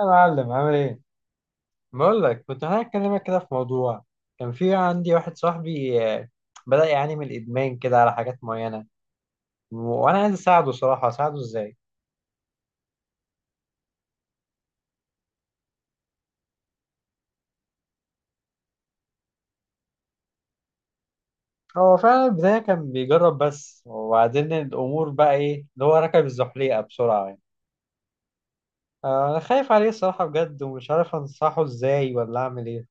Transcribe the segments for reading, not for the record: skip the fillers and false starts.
يا معلم عامل ايه؟ بقول لك كنت انا هكلمك كده في موضوع. كان في عندي واحد صاحبي بدأ يعاني من الادمان كده على حاجات معينة. وانا عايز اساعده صراحة، اساعده ازاي؟ هو فعلا البداية كان بيجرب بس، وبعدين الامور بقى ايه اللي هو ركب الزحليقة بسرعة يعني. انا خايف عليه الصراحة بجد، ومش عارف انصحه ازاي ولا اعمل ايه.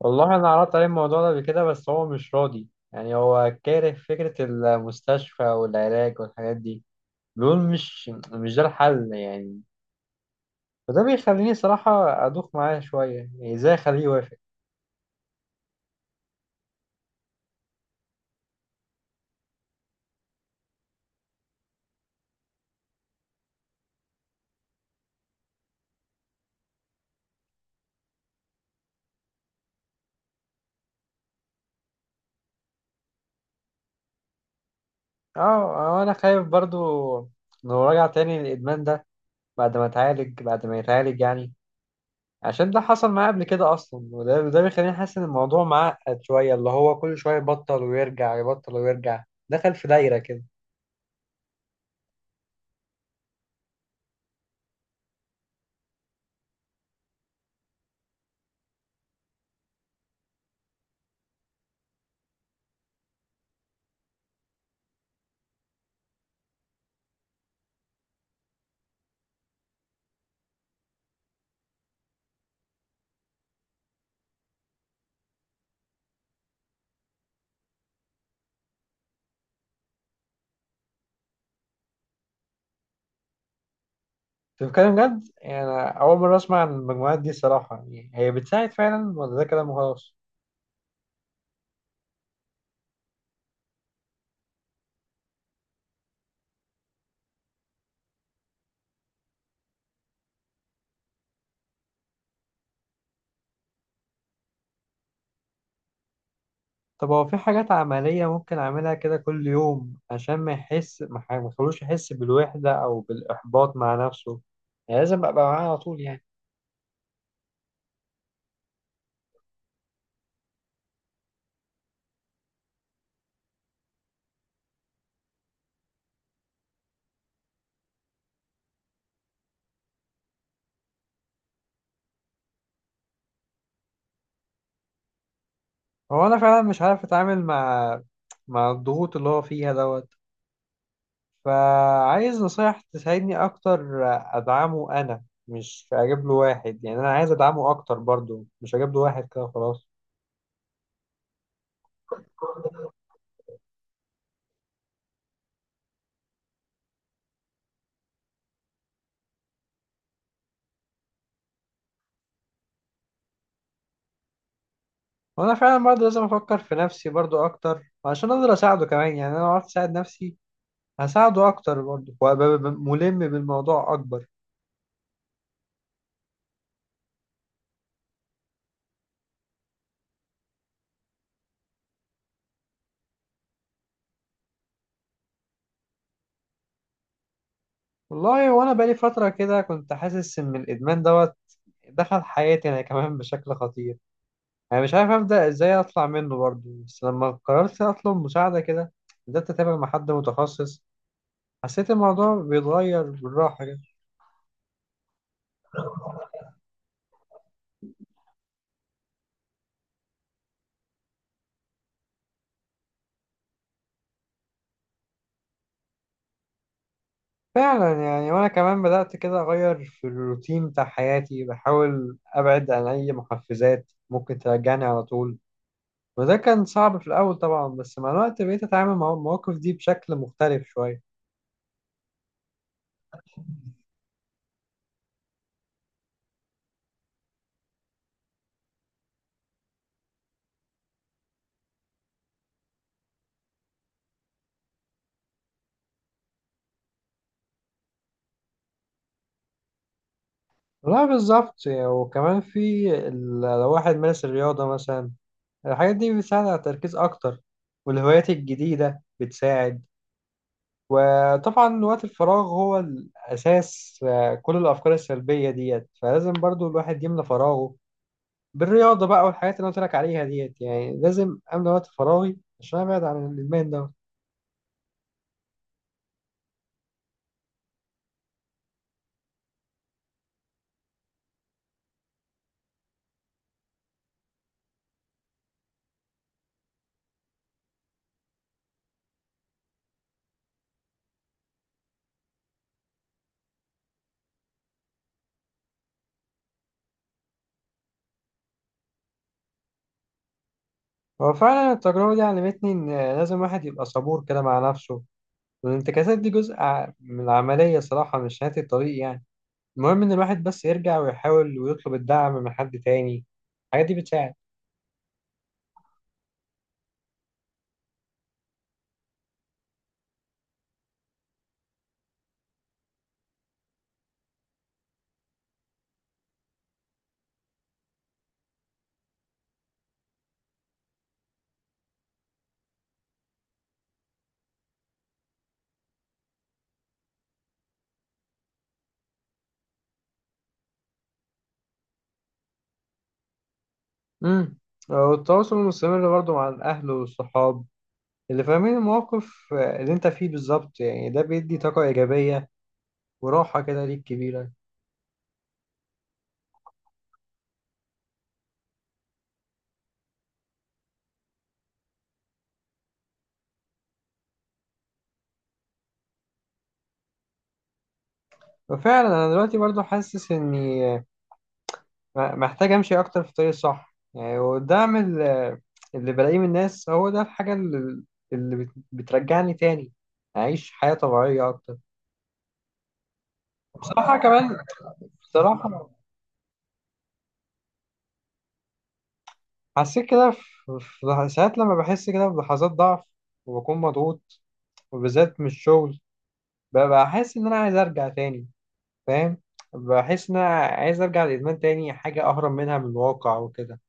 والله انا عرضت عليه الموضوع ده قبل كده، بس هو مش راضي. يعني هو كاره فكرة المستشفى والعلاج والحاجات دي، دول مش ده الحل يعني. فده بيخليني صراحة أدوخ معاه شوية، يعني إزاي أخليه يوافق؟ أه أنا خايف برضو لو رجع تاني للإدمان ده بعد ما اتعالج، بعد ما يتعالج يعني عشان ده حصل معاه قبل كده أصلا. وده بيخليني حاسس إن الموضوع معقد شوية، اللي هو كل شوية يبطل ويرجع، يبطل ويرجع. دخل في دايرة كده. أنت بتتكلم جد؟ يعني أنا أول مرة أسمع عن المجموعات دي صراحة، يعني هي بتساعد فعلا ولا ده كلام وخلاص؟ طب هو في حاجات عملية ممكن أعملها كده كل يوم، عشان ما يحس، ما يخلوش يحس بالوحدة أو بالإحباط مع نفسه؟ يعني لازم أبقى معاه على طول يعني؟ هو أنا فعلا مش عارف أتعامل مع، مع الضغوط اللي هو فيها دوت، فعايز نصايح تساعدني أكتر أدعمه، أنا مش أجيب له واحد. يعني أنا عايز أدعمه أكتر برضو، مش أجيب له واحد كده خلاص. وأنا فعلا برضو لازم أفكر في نفسي برضو أكتر، عشان أقدر أساعده كمان. يعني أنا لو عرفت أساعد نفسي هساعده اكتر برضه، وابقى ملم بالموضوع اكبر. والله وانا بقالي فتره كده كنت حاسس ان الادمان دوت دخل حياتي انا كمان بشكل خطير. انا مش عارف ابدا ازاي اطلع منه برضه، بس لما قررت اطلب مساعده كده، بدات اتابع مع حد متخصص، حسيت الموضوع بيتغير بالراحه كده. فعلا يعني، وانا كمان بدات كده اغير في الروتين بتاع حياتي، بحاول ابعد عن اي محفزات ممكن ترجعني على طول. وده كان صعب في الأول طبعا، بس مع الوقت بقيت أتعامل مع المواقف دي بشكل مختلف شوية. لا بالظبط يعني، وكمان في لو واحد مارس الرياضة مثلا، الحاجات دي بتساعد على التركيز أكتر، والهوايات الجديدة بتساعد. وطبعا وقت الفراغ هو الأساس كل الأفكار السلبية ديت، فلازم برضو الواحد يملى فراغه بالرياضة بقى، والحاجات اللي أنا قلت لك عليها ديت. يعني لازم أملى وقت فراغي عشان أبعد عن الإدمان ده. هو فعلا التجربة دي علمتني إن لازم الواحد يبقى صبور كده مع نفسه، والانتكاسات دي جزء من العملية صراحة، مش نهاية الطريق يعني. المهم إن الواحد بس يرجع ويحاول، ويطلب الدعم من حد تاني. الحاجات دي بتساعد. امم والتواصل المستمر برضه مع الأهل والصحاب اللي فاهمين المواقف اللي أنت فيه بالظبط، يعني ده بيدي طاقة إيجابية وراحة كده ليك كبيرة. وفعلا أنا دلوقتي برضه حاسس إني محتاج امشي اكتر في الطريق الصح يعني، وده من اللي بلاقيه من الناس. هو ده الحاجة اللي بترجعني تاني اعيش حياة طبيعية اكتر. بصراحة كمان، بصراحة حسيت كده في، ساعات لما بحس كده بلحظات ضعف، وبكون مضغوط، وبالذات من الشغل، بحس ان انا عايز ارجع تاني، فاهم؟ بحس ان انا عايز ارجع للادمان تاني، حاجة اهرب منها من الواقع وكده.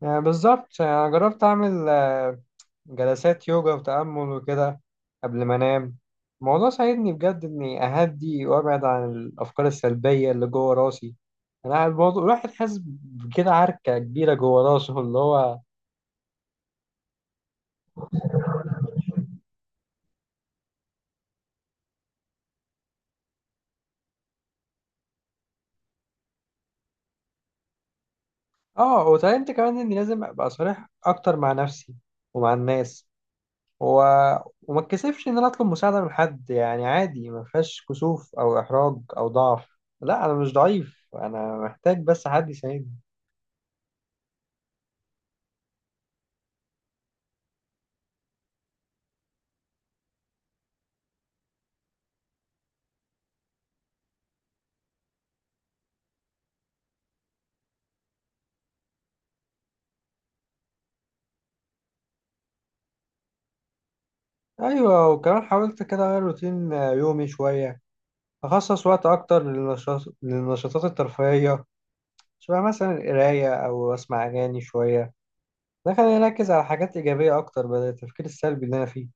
يعني بالظبط، انا جربت اعمل جلسات يوجا وتأمل وكده قبل ما أنام. الموضوع ساعدني بجد إني أهدي وأبعد عن الأفكار السلبية اللي جوه راسي. أنا الموضوع الواحد حاسس بكده عركة كبيرة جوه راسه اللي هو. آه، وتعلمت كمان إني لازم أبقى صريح أكتر مع نفسي ومع الناس، و... وما اتكسفش إن أنا أطلب مساعدة من حد. يعني عادي، ما فيهاش كسوف أو إحراج أو ضعف. لا أنا مش ضعيف، أنا محتاج بس حد يساعدني. ايوه، وكمان حاولت كده اغير روتين يومي شويه، اخصص وقت اكتر للنشاط، للنشاطات الترفيهيه، شبه مثلا القرايه او اسمع اغاني شويه. ده خلاني اركز على حاجات ايجابيه اكتر، بدل التفكير السلبي اللي انا فيه.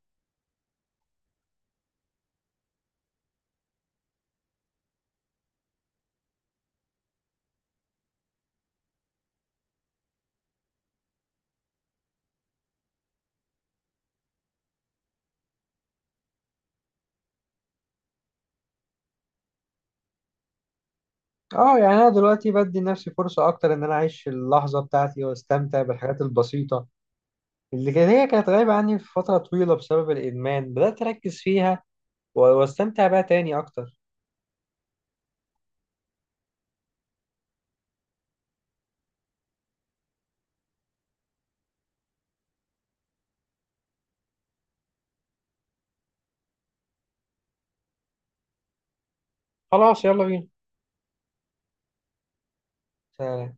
اه يعني انا دلوقتي بدي لنفسي فرصه اكتر ان انا اعيش اللحظه بتاعتي، واستمتع بالحاجات البسيطه اللي هي كانت غايبه عني في فتره طويله بسبب الادمان. بدات اركز فيها واستمتع بيها تاني اكتر. خلاص يلا بينا. سلام.